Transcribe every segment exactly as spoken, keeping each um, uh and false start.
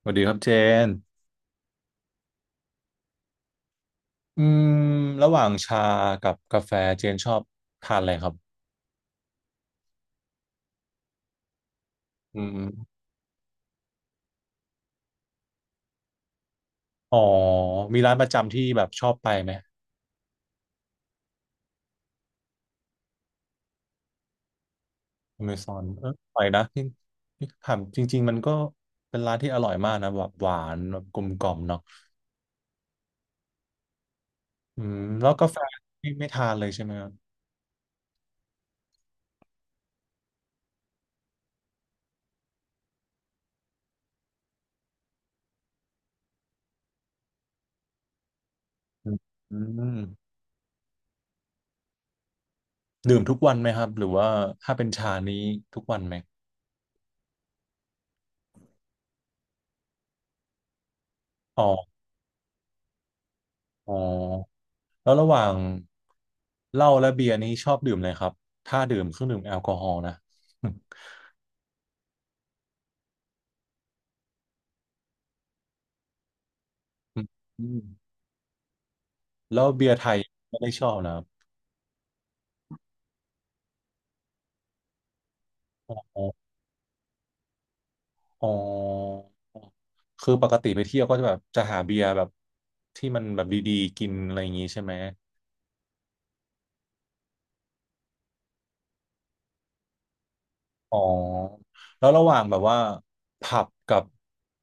สวัสดีครับเจนอืมระหว่างชากับกาแฟเจนชอบทานอะไรครับอืมอ๋อมีร้านประจำที่แบบชอบไปไหมอเมซอนเอออร่อยนะที่ที่ถามจริงๆมันก็เป็นร้านที่อร่อยมากนะแบบหวานแบบกลมกล่อมเนาะอืมแล้วกาแฟไม่ไม่ทานเลยใช่ไหมครับอืมอืมดื่มทุกวันไหมครับหรือว่าถ้าเป็นชานี้ทุกวันไหมอ๋ออ๋อ แล้วระหว่างเหล้าและเบียร์นี้ชอบดื่มเลยครับถ้าดื่มเครื่องดื่มแอลกอฮอล์นะอืมแล้วเบียร์ไทยไม่ได้ชอบนะครับอ๋ออ๋อคือปกติไปเที่ยวก็จะแบบจะหาเบียร์แบบที่มันแบบดีๆกินอะไรอย่างงี้ใช่ไหมอ๋อแล้วระหว่างแบบว่าผับกับ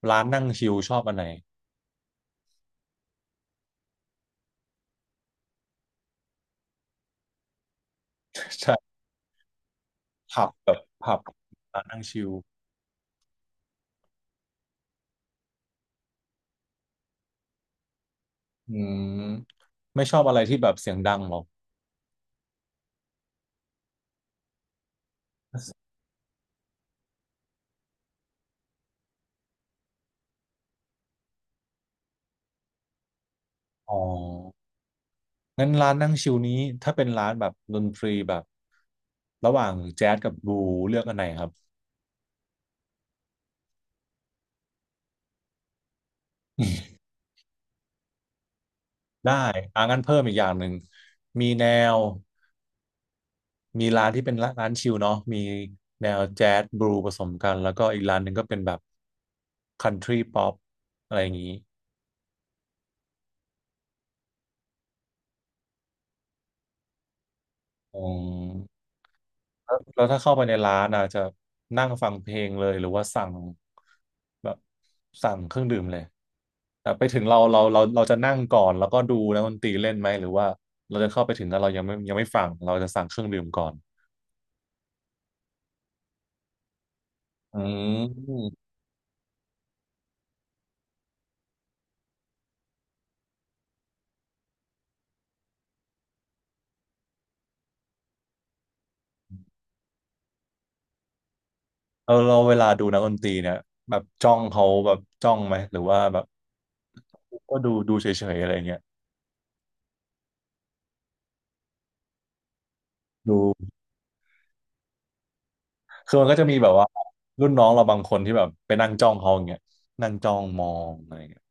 ร้านนั่งชิลชอบอันไหน ใช่ผับแบบผับร้านนั่งชิลอืมไม่ชอบอะไรที่แบบเสียงดังหรอกอ๋อ งั้นร้านนั่งชิลนี้ถ้าเป็นร้านแบบดนตรีแบบระหว่างแจ๊สกับบลูเลือกอันไหนครับ ได้อ่างั้นเพิ่มอีกอย่างหนึ่งมีแนวมีร้านที่เป็นร้านชิลเนาะมีแนวแจ๊สบลูผสมกันแล้วก็อีกร้านหนึ่งก็เป็นแบบคันทรีป๊อปอะไรอย่างนี้อืม แล้วแล้วถ้าเข้าไปในร้านอ่ะจะนั่งฟังเพลงเลยหรือว่าสั่งแบบสั่งเครื่องดื่มเลยแต่ไปถึงเราเราเราเราจะนั่งก่อนแล้วก็ดูนะมักดนตรีเล่นไหมหรือว่าเราจะเข้าไปถึงแล้วเรายังไม่ยังไม่ฟังเราจะสั่งเครื่องดื่มก่อนอืมเออเราเวลาดูนักดนตรีเนี่ยแบบจ้องเขาแบบจ้องไหมหรือว่าแบบก็ดูดูเฉยๆอะไรเงี้ยดูคือมันก็จะมีแบบว่ารุ่นน้องเราบางคนที่แบบไปนั่งจ้องเขาอย่างเงี้ยนั่งจ้องมองอะไรเงี้ย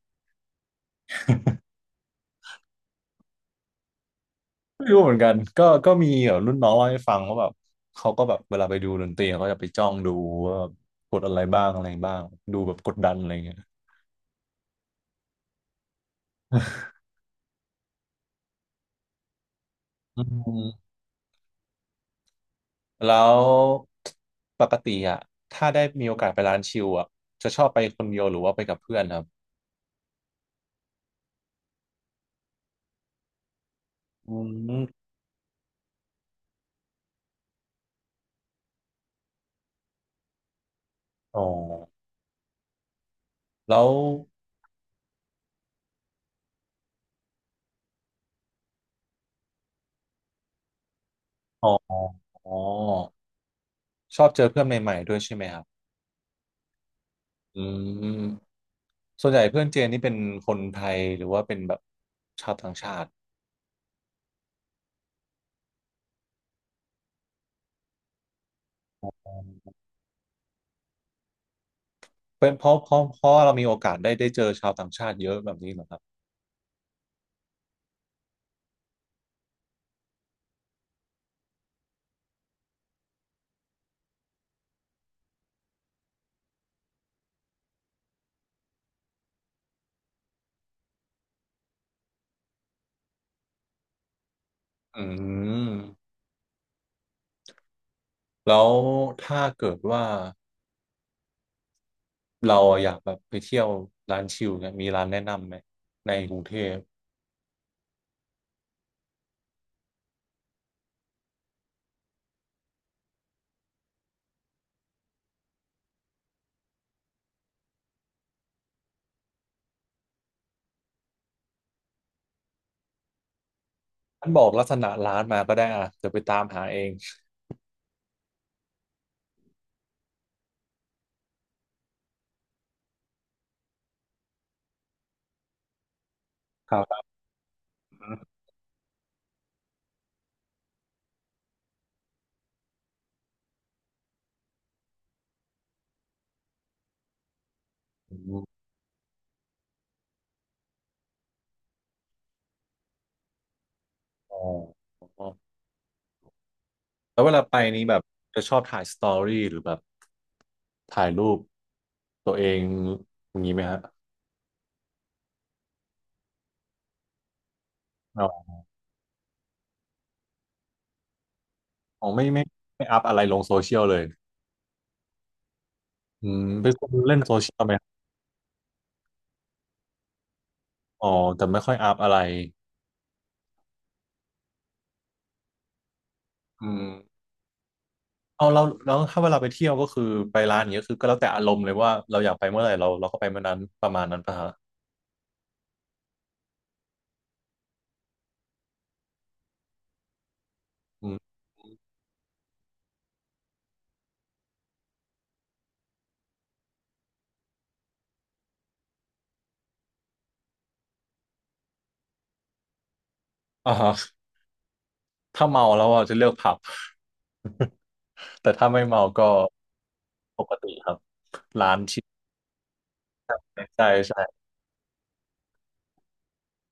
ไม่รู้เหมือนกันก็ก็มีแบบรุ่นน้องเล่าให้ฟังว่าแบบเขาก็แบบเวลาไปดูดนตรีเขาจะไปจ้องดูว่ากดอะไรบ้างอะไรบ้างดูแบบกดดันอะไรเงี้ย อืมแล้วปกติอ่ะถ้าได้มีโอกาสไปร้านชิลอ่ะจะชอบไปคนเดียวหรือว่าไปกับเพื่อนครับอืมอ๋อแล้วอ๋ออ๋อชอบเจอเพื่อนใหม่ๆด้วยใช่ไหมครับอืมส่วนใหญ่เพื่อนเจนนี่เป็นคนไทยหรือว่าเป็นแบบชาวต่างชาติ เป็นเพราะเพราะเพราะเรามีโอกาสได้ได้เจอชาวต่างชาติเยอะแบบนี้เหรอครับอืมแล้วถ้าเกิดว่าเราอยากแบบไปเที่ยวร้านชิลเนี่ยมีร้านแนะนำไหมในกรุงเทพท่านบอกลักษณะร้านมาก็ได้อ่ะจะไปตามหาเองครับอืมอ๋อแล้วเวลาไปนี้แบบจะชอบถ่ายสตอรี่หรือแบบถ่ายรูปตัวเองอย่างนี้ไหมฮะออ๋อไม่ไม่ไม่อัพอะไรลงโซเชียลเลยอืมเป็นคนเล่นโซเชียลไหม อ๋อแต่ไม่ค่อยอัพอะไรอืมเอาเราแล้วถ้าเวลาไปเที่ยวก็คือไปร้านอย่างเงี้ยคือก็แล้วแต่อารมณ์เลยว่าเราอยากไปเมื่อไหร่เราเราก็ไปเมื่อนั้นประมาณนั้นปะฮะอืมอ่าฮะถ้าเมาแล้วอ่ะจะเลือกผับ แต่ถ้าไม่เมาก็ปกติครับใช่ใช่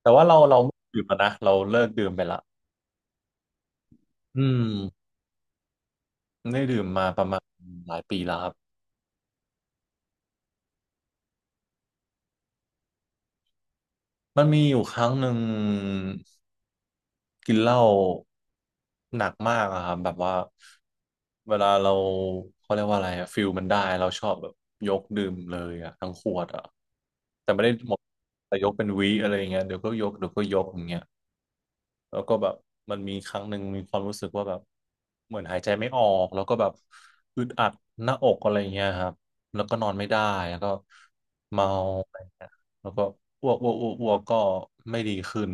แต่ว่าเราเราไม่ดื่มแล้วนะเราเลิกดื่มไปละอืมไม่ได้ดื่มมาประมาณหลายปีแล้วครับมันมีอยู่ครั้งหนึ่ง กินเหล้าหนักมากอะครับแบบว่าเวลาเราเขาเรียกว่าอะไรอะฟิลมันได้เราชอบแบบยกดื่มเลยอะทั้งขวดอะแต่ไม่ได้หมดแต่ยกเป็นวิอะไรอย่างเงี้ยเดี๋ยวก็ยกเดี๋ยวก็ยกอย่างเงี้ย แล้วก็แบบมันมีครั้งหนึ่งมีความรู้สึกว่าแบบเหมือนหายใจไม่ออกแล้วก็แบบอึดอัดหน้าอกอะไรเงี้ยครับแล้วก็นอนไม่ได้แล้วก็เมาอะไรเงี้ยแล้วก็อ้วกอ้วกอ้วกอ้วกก็ไม่ดีขึ้น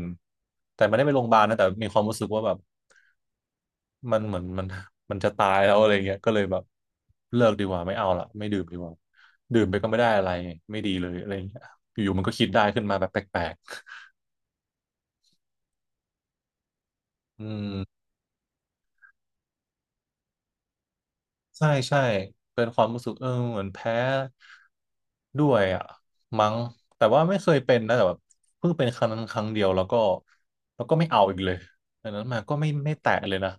แต่ไม่ได้ไปโรงพยาบาลนะแต่มีความรู้สึกว่าแบบมันเหมือนมันมันจะตายแล้วอะไรเงี้ยก็เลยแบบเลิกดีกว่าไม่เอาละไม่ดื่มดีกว่าดื่มไปก็ไม่ได้อะไรไม่ดีเลยอะไรเงี้ยอยู่ๆมันก็คิดได้ขึ้นมาแบบแปลกๆอืม ใช่ใช่เป็นความรู้สึกเออเหมือนแพ้ด้วยอ่ะมั้งแต่ว่าไม่เคยเป็นนะแต่แบบเพิ่งเป็นครั้งนั้นครั้งเดียวแล้วก็แล้วก็ไม่เอาอีกเลยดังนั้นมาก็ไม่ไม่แตะเลยนะ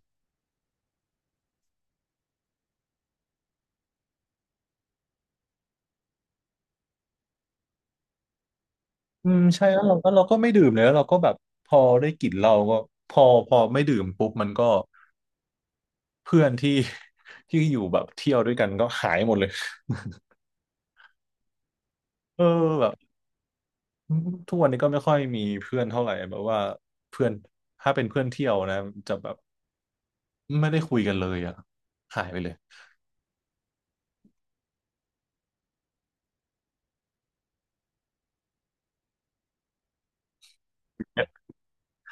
อืมใช่แล้วเราก็เราก็ไม่ดื่มเลยแล้วเราก็แบบพอได้กลิ่นเราก็พอพอไม่ดื่มปุ๊บมันก็เพื่อนที่ ที่อยู่แบบเที่ยวด้วยกันก็หายหมดเลยเออแบบทุกวันนี้ก็ไม่ค่อยมีเพื่อนเท่าไหร่แบบว่าเพื่อนถ้าเป็นเพื่อนเที่ยวนะจะแบบ ไม่ได้คุยกันเลยอ่ะหายไปเลย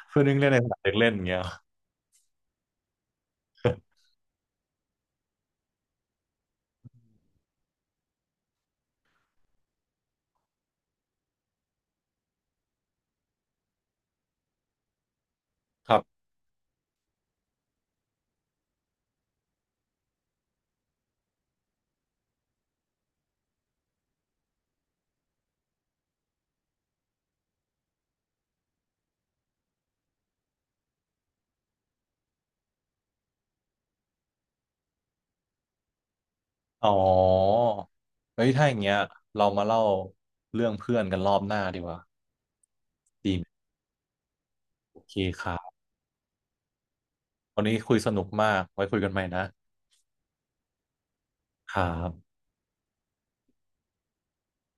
เพื่อนนึงเล่นในสนามเด็กเล่นอย่างเงี้ย ครับ อ๋อเฮ้ยถ้าอย่างเงี้ยเรามาเล่าเรื่องเพื่อนกันรอบหน้าดีกว่าดีไหมโอเคครับวันนี้คุยสนุกมาก ไว้คุยกันใหม่นะครับ